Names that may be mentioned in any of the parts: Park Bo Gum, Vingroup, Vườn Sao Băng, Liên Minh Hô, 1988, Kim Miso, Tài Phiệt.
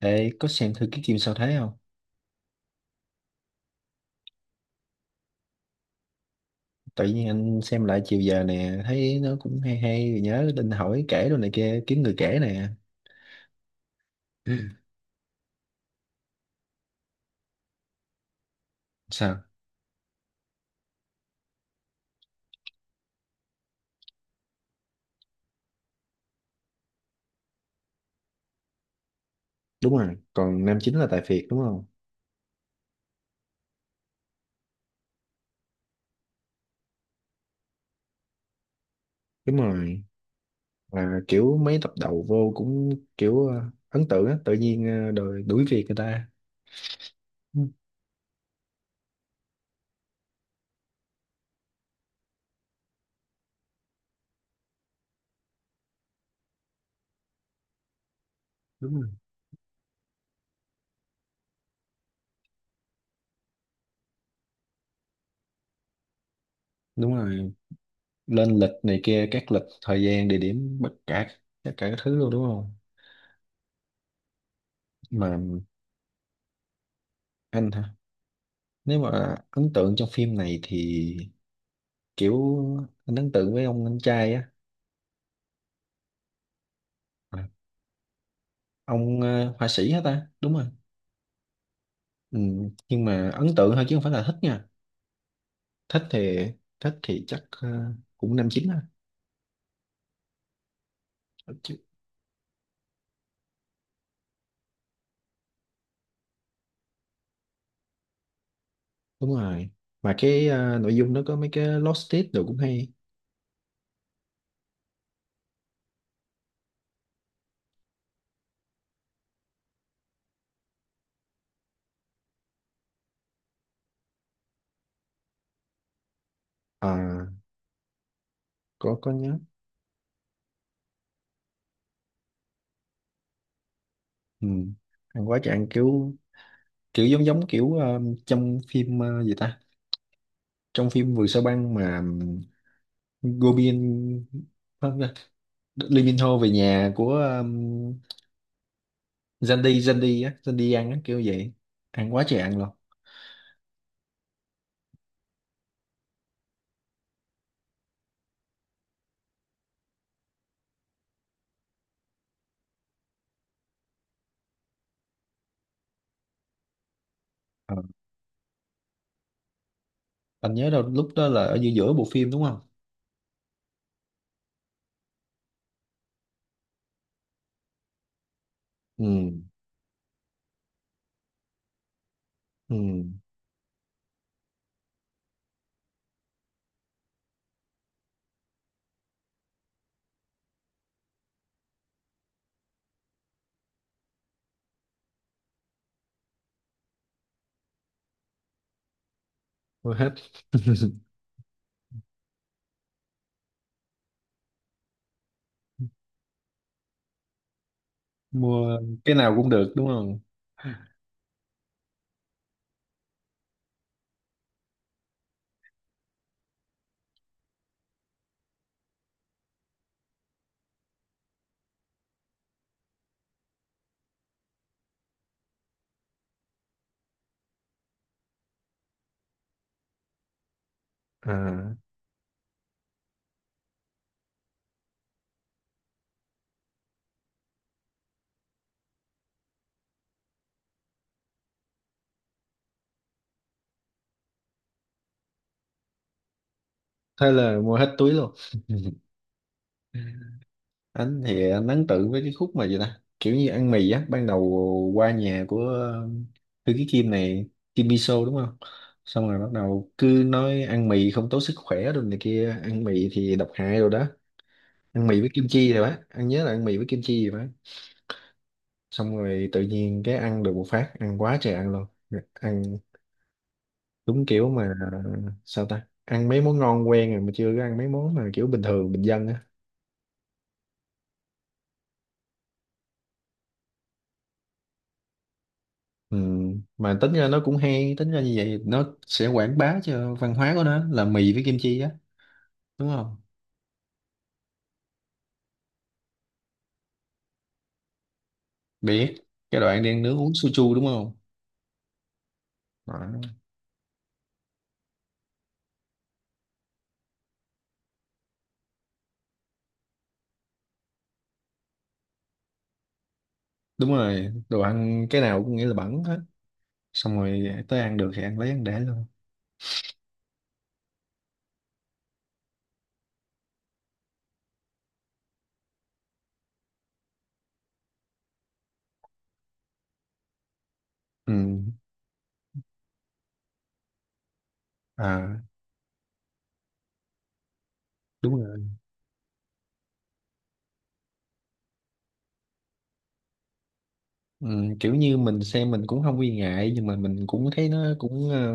Ê, có xem thử cái phim sao thế không? Tự nhiên anh xem lại chiều giờ nè, thấy nó cũng hay hay, nhớ định hỏi kể đồ này kia, kiếm người kể nè. Ừ. Sao? Đúng rồi, còn nam chính là Tài Phiệt đúng không? Đúng rồi, và kiểu mấy tập đầu vô cũng kiểu ấn tượng á, tự nhiên đòi đuổi việc người ta. Ừ, đúng rồi. Đúng rồi, lên lịch này kia, các lịch, thời gian, địa điểm, bất cả, tất cả các thứ luôn đúng không? Mà anh hả? Nếu mà ấn tượng trong phim này thì kiểu anh ấn tượng với ông anh trai á. À, ông họa sĩ hả ta đúng rồi. Ừ. Nhưng mà ấn tượng thôi chứ không phải là thích nha. Thích thì thích thì chắc cũng năm chín á. Chứ- đúng rồi. Mà cái nội dung nó có mấy cái lost tip đồ cũng hay. À, có nhớ. Ừ. Ăn quá trời ăn kiểu kiểu giống giống kiểu trong phim gì ta, trong phim Vườn Sao Băng mà Gobin, không, Liên Minh Hô về nhà của dân đi ăn á kiểu vậy. Ăn quá trời ăn luôn. Ờ. Anh nhớ đâu lúc đó là ở giữa giữa bộ phim đúng không. Ừ, ừ, mua hết. Mua cái nào cũng được đúng không? À, thế là mua hết túi luôn. Anh thì anh ấn tượng với cái khúc mà vậy ta, kiểu như ăn mì á, ban đầu qua nhà của thư ký Kim này, Kim Miso đúng không. Xong rồi bắt đầu cứ nói ăn mì không tốt sức khỏe rồi này kia, ăn mì thì độc hại rồi đó, ăn mì với kim chi rồi bác ăn, nhớ là ăn mì với kim chi rồi bác. Xong rồi tự nhiên cái ăn được một phát ăn quá trời ăn luôn. Ăn đúng kiểu mà, sao ta, ăn mấy món ngon quen rồi mà chưa có ăn mấy món mà kiểu bình thường bình dân á. Ừ. Mà tính ra nó cũng hay, tính ra như vậy nó sẽ quảng bá cho văn hóa của nó là mì với kim chi á, đúng không. Biết cái đoạn đi ăn nướng uống soju đúng không. Đó. Đúng rồi, đồ ăn cái nào cũng nghĩ là bẩn hết, xong rồi tới ăn được thì ăn lấy ăn để luôn. Ừ, à đúng rồi. Ừ, kiểu như mình xem mình cũng không nghi ngại nhưng mà mình cũng thấy nó cũng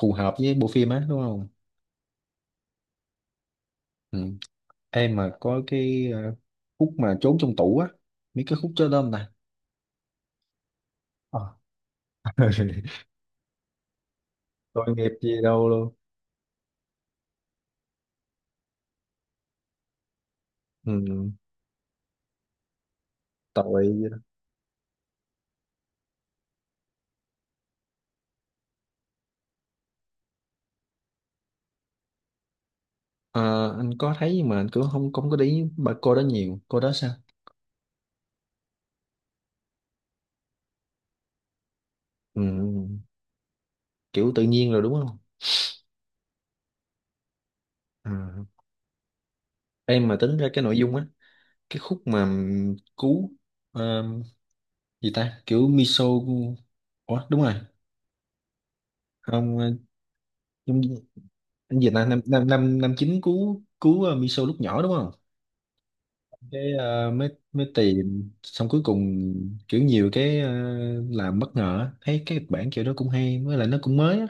phù hợp với bộ phim á đúng không? Ừ. Em mà có cái khúc mà trốn trong tủ á, mấy cái khúc chó đơm nè. Ờ. Tội nghiệp gì đâu luôn. Ừ. Tội gì đâu. Ờ, anh có thấy nhưng mà anh cũng không không có để ý bà cô đó nhiều, cô đó sao? Ừ. Kiểu tự nhiên rồi đúng không? Ừ. Em mà tính ra cái nội dung á, cái khúc mà cứu ờ, gì ta? Kiểu miso. Ủa đúng rồi, không giống như-, anh Việt là năm năm năm năm chín cứu cứu Miso lúc nhỏ đúng không? Cái mới mới tìm xong cuối cùng, kiểu nhiều cái làm bất ngờ á. Thấy cái kịch bản kiểu đó cũng hay với lại nó cũng mới á.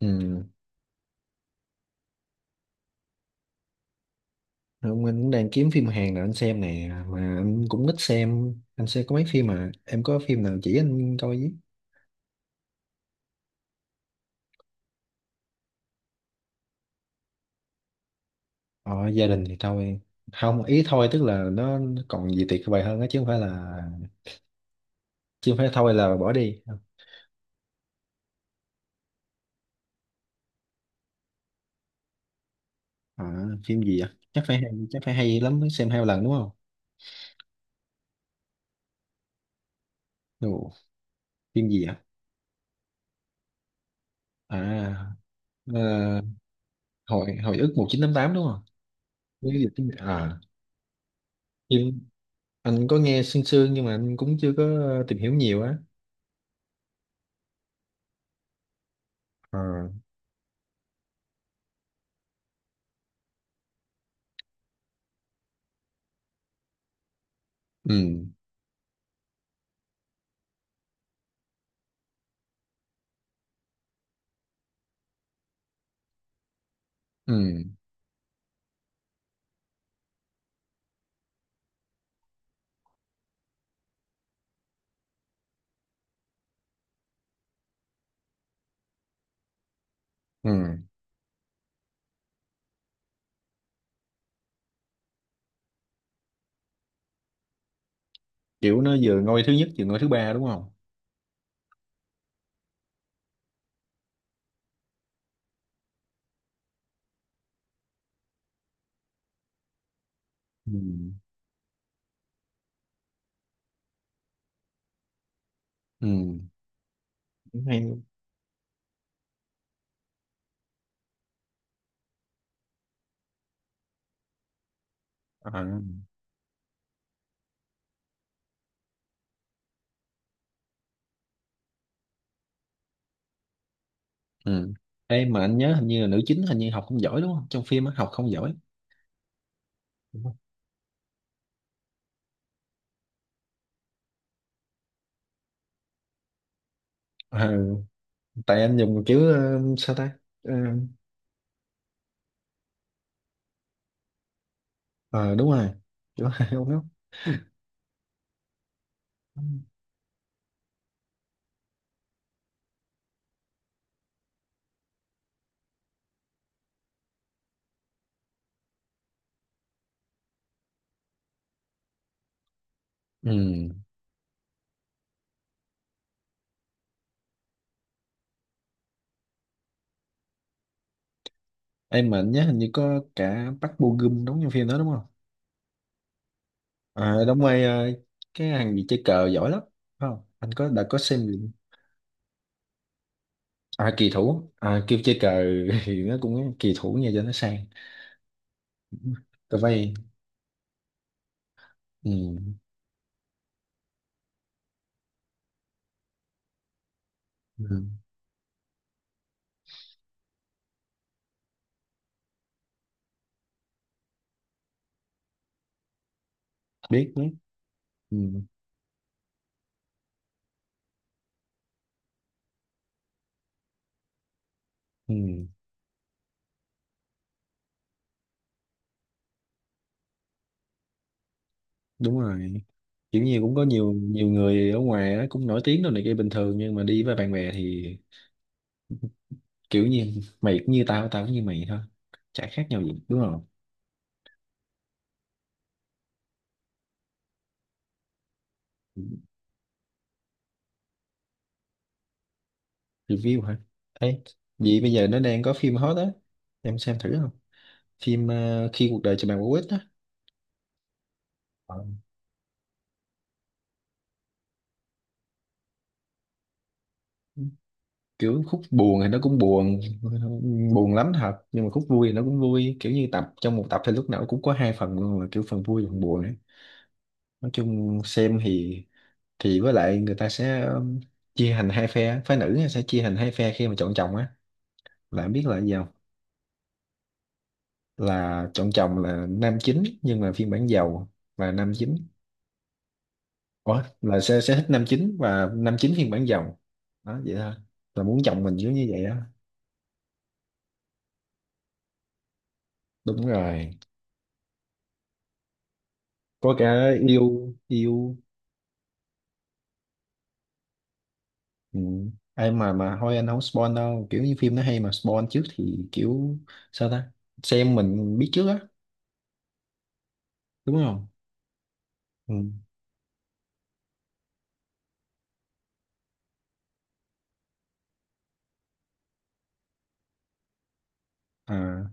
Ừ. Không, anh cũng đang kiếm phim Hàn nào anh xem nè, mà anh cũng thích xem, anh xem có mấy phim mà em có phim nào chỉ anh coi với. Ờ, gia đình thì thôi, không ý thôi tức là nó còn gì tuyệt vời hơn á, chứ không phải là, chứ không phải thôi là bỏ đi. À, phim gì ạ? Chắc phải hay lắm mới xem hai lần đúng không? Ồ, phim gì ạ? À, ờ, hồi hồi ức 1988 đúng không? Với dịch tiếng Việt. À, phim anh có nghe sương sương nhưng mà anh cũng chưa có tìm hiểu nhiều á. À. Ừ, ừ, ừ. Kiểu nó vừa ngôi thứ nhất vừa ngôi thứ ba đúng không? Ừ, ừ. Cũng hay. À, ừ. Ê, mà anh nhớ hình như là nữ chính hình như học không giỏi đúng không? Trong phim á, học không giỏi. Đúng không? Ờ, tại anh dùng kiểu sao ta? Ờ, ờ đúng rồi, chỗ hai ông nhóc. Ừ, em mà nhớ hình như có cả Park Bo Gum đóng trong phim đó đúng không. À, đóng vai cái thằng gì chơi cờ giỏi lắm, phải không, anh có đã có xem gì. À, kỳ thủ, à, kêu chơi cờ. Thì nó cũng kỳ thủ nha cho nó sang. Tờ vay. Ừ. Ừ. biết biết. Ừ. Ừ. Đúng rồi, kiểu như cũng có nhiều nhiều người ở ngoài á, cũng nổi tiếng đâu này kia bình thường nhưng mà đi với bạn bè thì kiểu như mày cũng như tao, tao cũng như mày thôi, chả khác nhau gì đúng không. Review hả? Ấy, vậy bây giờ nó đang có phim hot á, em xem thử không? Phim khi cuộc đời cho bạn quả quýt á. Ờ, kiểu khúc buồn thì nó cũng buồn, buồn lắm thật, nhưng mà khúc vui thì nó cũng vui, kiểu như tập trong một tập thì lúc nào cũng có hai phần luôn, là kiểu phần vui và phần buồn ấy. Nói chung xem thì với lại người ta sẽ chia thành hai phe phái, nữ sẽ chia thành hai phe khi mà chọn chồng á, là em biết là cái gì không? Là chọn chồng là nam chính nhưng mà phiên bản giàu, là nam chính. Ủa, là sẽ thích nam chính và nam chính phiên bản giàu, đó vậy thôi, là muốn chồng mình giống như vậy á. Đúng rồi. Có cả yêu yêu. Ừ. Ai mà thôi anh không spoil đâu, kiểu như phim nó hay mà spoil trước thì kiểu, sao ta, xem mình biết trước á đúng không. Ừ. À,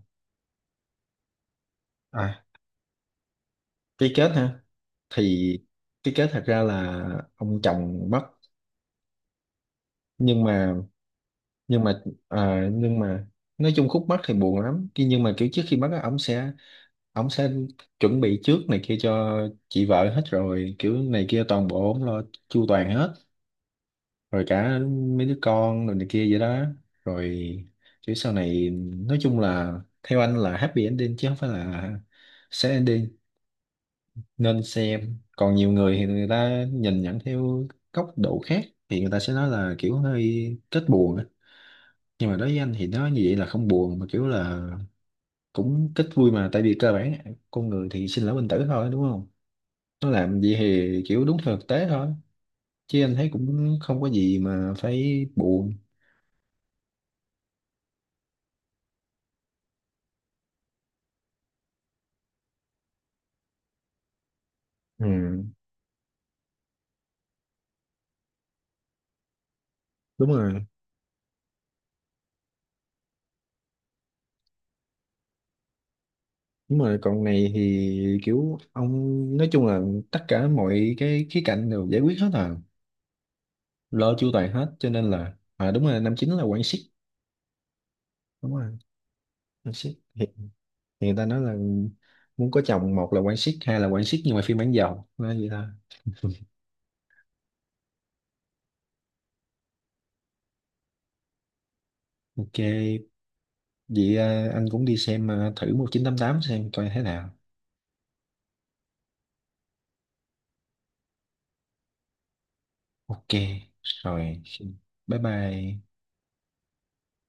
à, cái kết ha, thì cái kết thật ra là ông chồng mất, nhưng mà nhưng mà à, nhưng mà nói chung khúc mắc thì buồn lắm. Nhưng mà kiểu trước khi mất á, ổng sẽ chuẩn bị trước này kia cho chị vợ hết rồi, kiểu này kia toàn bộ ổng lo chu toàn hết, rồi cả mấy đứa con rồi này kia vậy đó, rồi kiểu sau này, nói chung là theo anh là happy ending chứ không phải là sad ending nên xem. Còn nhiều người thì người ta nhìn nhận theo góc độ khác thì người ta sẽ nói là kiểu hơi kết buồn á, nhưng mà đối với anh thì nó như vậy là không buồn mà kiểu là cũng ít vui, mà tại vì cơ bản con người thì sinh lão bệnh tử thôi đúng không, nó làm vậy thì kiểu đúng theo thực tế thôi, chứ anh thấy cũng không có gì mà phải buồn. Ừ, đúng rồi, đúng rồi. Còn này thì kiểu ông, nói chung là tất cả mọi cái khía cạnh đều giải quyết hết à, lo chu toàn hết. Cho nên là à đúng rồi, năm chín là quan siết, đúng rồi, quan siết. Hiện người ta nói là muốn có chồng một là quan siết, hai là quan siết nhưng mà phiên bản giàu, nói vậy thôi. Ok, vậy anh cũng đi xem thử 1988 xem coi thế nào. Ok, rồi, bye bye.